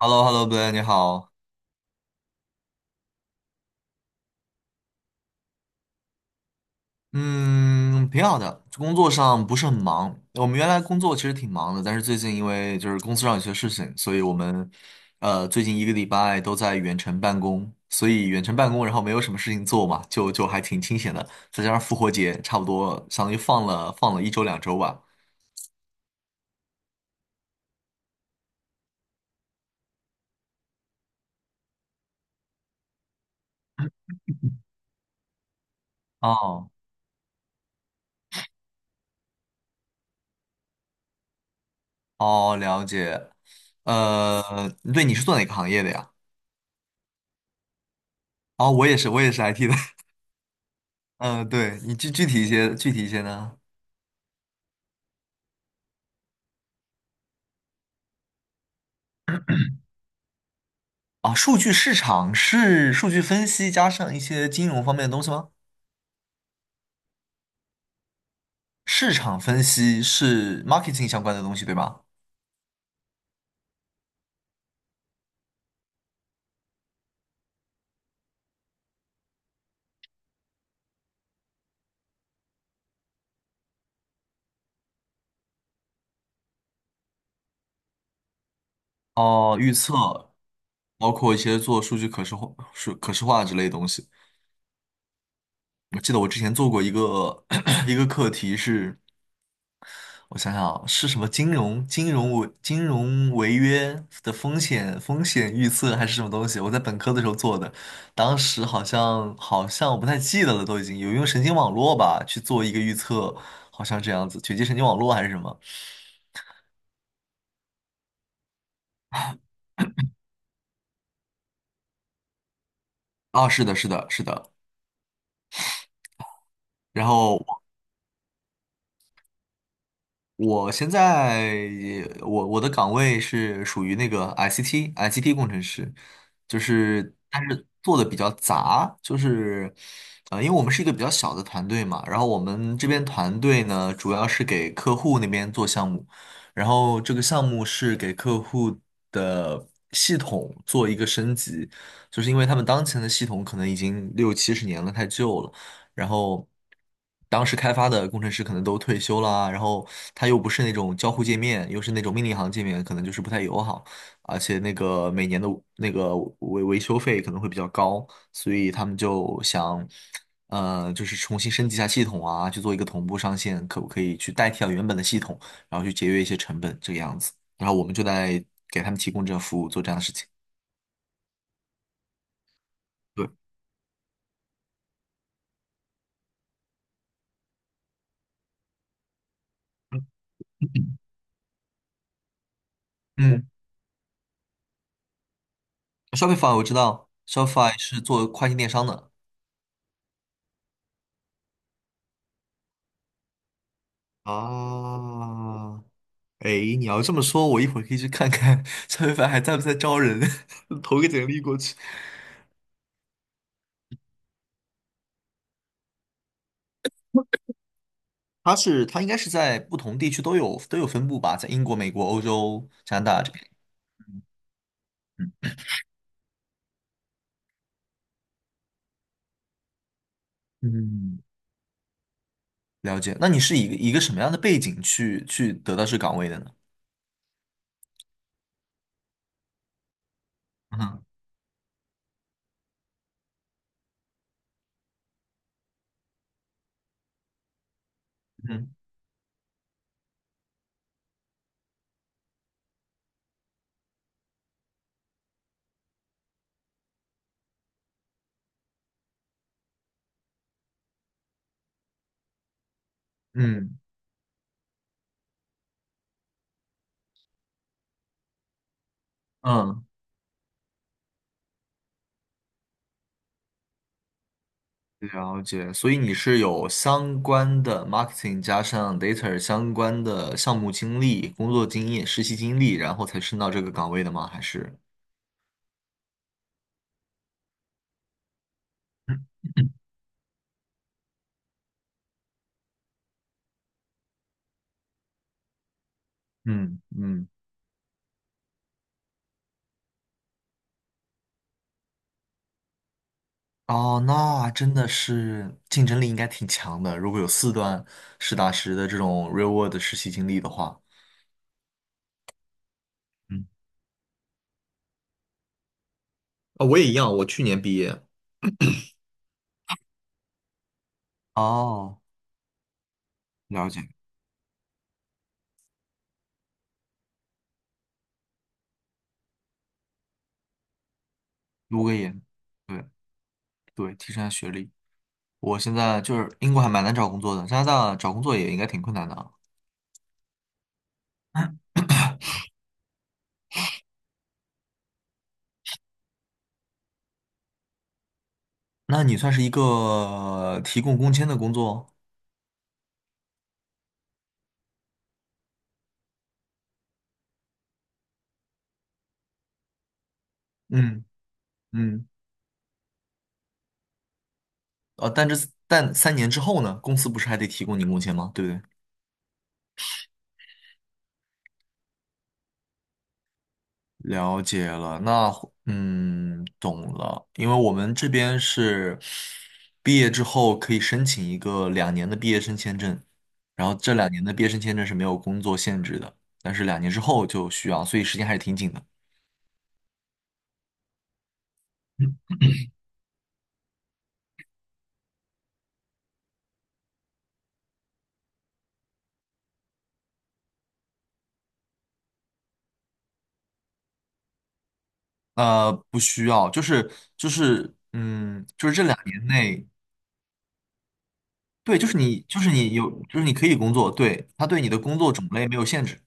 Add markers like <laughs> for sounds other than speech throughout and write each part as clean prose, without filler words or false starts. h e l l o h e l l o 呗你好。嗯，挺好的，工作上不是很忙。我们原来工作其实挺忙的，但是最近因为就是公司上有些事情，所以我们最近一个礼拜都在远程办公，所以远程办公，然后没有什么事情做嘛，就还挺清闲的。再加上复活节，差不多相当于放了一周两周吧。哦哦，了解。呃，对，你是做哪个行业的呀？哦，我也是，我也是 IT 的。<laughs> 嗯、对，你具体一些呢？啊，数据市场是数据分析加上一些金融方面的东西吗？市场分析是 marketing 相关的东西，对吧？哦，预测，包括一些做数据可视化、数可视化之类的东西。我记得我之前做过一个 <coughs> <clears throat> 一个课题是，我想想啊，是什么金融违约的风险预测还是什么东西？我在本科的时候做的，当时好像我不太记得了，都已经有用神经网络吧去做一个预测，好像这样子，卷积神经网络还是什么？啊，是的，是的，是的。然后我现在我的岗位是属于那个 ICT 工程师，就是但是做的比较杂，就是呃，因为我们是一个比较小的团队嘛，然后我们这边团队呢主要是给客户那边做项目，然后这个项目是给客户的系统做一个升级，就是因为他们当前的系统可能已经六七十年了，太旧了。然后当时开发的工程师可能都退休啦，然后他又不是那种交互界面，又是那种命令行界面，可能就是不太友好，而且那个每年的那个维修费可能会比较高，所以他们就想，呃，就是重新升级一下系统啊，去做一个同步上线，可不可以去代替掉原本的系统，然后去节约一些成本这个样子，然后我们就在给他们提供这个服务，做这样的事情。对。嗯，Shopify 我知道，Shopify 是做跨境电商的。啊，哎，你要这么说，我一会儿可以去看看蔡徐 <laughs> 凡还在不在招人，<laughs> 投个简历过去。他应该是在不同地区都有分布吧，在英国、美国、欧洲、加拿大这边。嗯，了解。那你是以一个什么样的背景去得到这岗位的呢？嗯嗯嗯嗯，了解。所以你是有相关的 marketing 加上 data 相关的项目经历、工作经验、实习经历，然后才升到这个岗位的吗？还是？嗯嗯，哦，那真的是竞争力应该挺强的。如果有4段实打实的这种 real world 的实习经历的话，嗯，啊，我也一样，我去年毕业。哦，了解，读个研，对对，提升下学历。我现在就是英国还蛮难找工作的，加拿大找工作也应该挺困难的啊。那你算是一个提供工签的工作，嗯嗯，呃，但3年之后呢，公司不是还得提供你工签吗？对不对？了解了，那嗯，懂了。因为我们这边是毕业之后可以申请一个两年的毕业生签证，然后这两年的毕业生签证是没有工作限制的，但是2年之后就需要，所以时间还是挺紧的。呃，不需要，就是嗯，就是这2年内，对，就是你就是你有就是你可以工作，对，他对你的工作种类没有限制。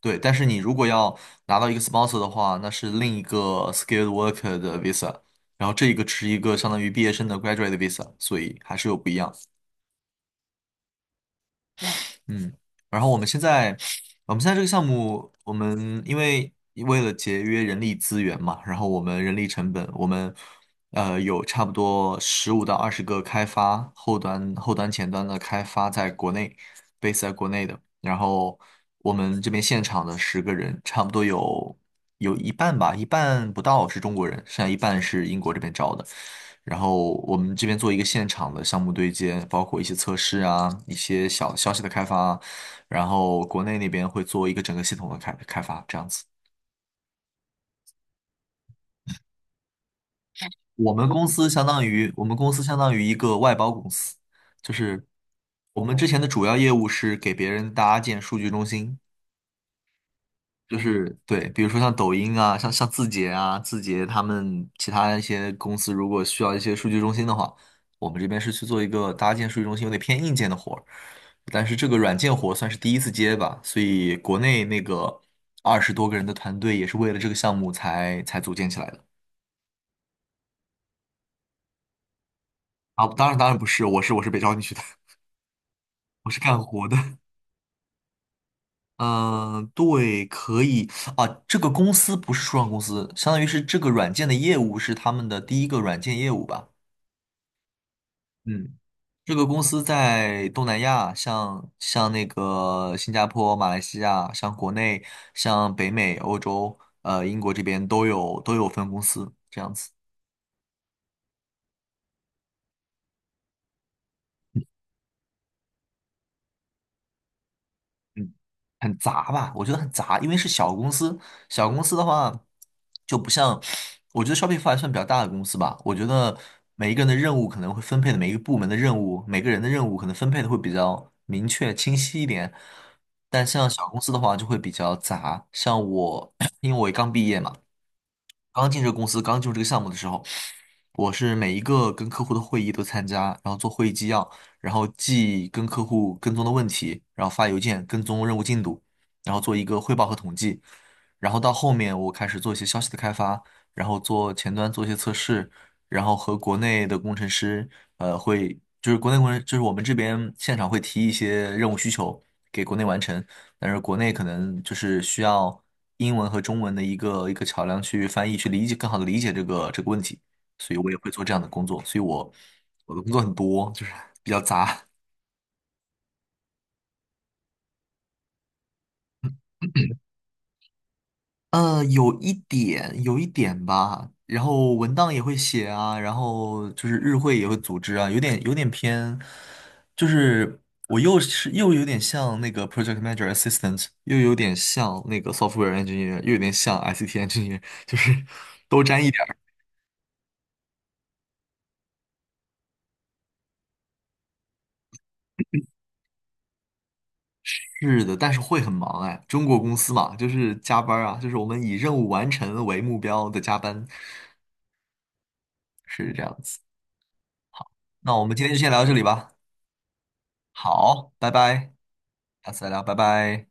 对，但是你如果要拿到一个 sponsor 的话，那是另一个 skilled worker 的 visa，然后这一个是一个相当于毕业生的 graduate visa，所以还是有不一样。嗯，然后我们现在这个项目，我们因为为了节约人力资源嘛，然后我们人力成本，我们呃，有差不多15到20个开发后端、前端的开发在国内，base 在国内的。然后我们这边现场的10个人，差不多有一半吧，一半不到是中国人，剩下一半是英国这边招的。然后我们这边做一个现场的项目对接，包括一些测试啊，一些小消息的开发啊然后国内那边会做一个整个系统的开发，这样子。我们公司相当于一个外包公司，就是我们之前的主要业务是给别人搭建数据中心，就是对，比如说像抖音啊，像字节啊，字节他们其他一些公司如果需要一些数据中心的话，我们这边是去做一个搭建数据中心，有点偏硬件的活儿，但是这个软件活算是第一次接吧，所以国内那个20多个人的团队也是为了这个项目才组建起来的。啊，当然不是，我是被招进去的。我是干活的。<laughs> 嗯，对，可以啊。这个公司不是初创公司，相当于是这个软件的业务是他们的第一个软件业务吧？嗯，这个公司在东南亚，像那个新加坡、马来西亚，像国内、像北美、欧洲，呃，英国这边都有分公司，这样子。嗯，很杂吧，我觉得很杂，因为是小公司，小公司的话就不像，我觉得 Shopify 还算比较大的公司吧，我觉得每一个人的任务可能会分配的每一个部门的任务，每个人的任务可能分配的会比较明确清晰一点，但像小公司的话就会比较杂，像我，<coughs> <clears throat> 因为我也刚毕业嘛。刚进这个公司，刚进入这个项目的时候，我是每一个跟客户的会议都参加，然后做会议纪要，然后记跟客户跟踪的问题，然后发邮件跟踪任务进度，然后做一个汇报和统计。然后到后面我开始做一些消息的开发，然后做前端做一些测试，然后和国内的工程师，呃，会就是国内工程就是我们这边现场会提一些任务需求给国内完成，但是国内可能就是需要英文和中文的一个桥梁去翻译，去理解更好的理解这个问题，所以我也会做这样的工作，所以我的工作很多，就是 <laughs> 比较杂，呃，有一点吧，然后文档也会写啊，然后就是日会也会组织啊，有点偏，就是我又是又有点像那个 project manager assistant，又有点像那个 software engineer，又有点像 ICT engineer，就是都沾一点。是的，但是会很忙哎。中国公司嘛，就是加班儿啊，就是我们以任务完成为目标的加班，是这样子。那我们今天就先聊到这里吧。好，拜拜，下次再聊，拜拜。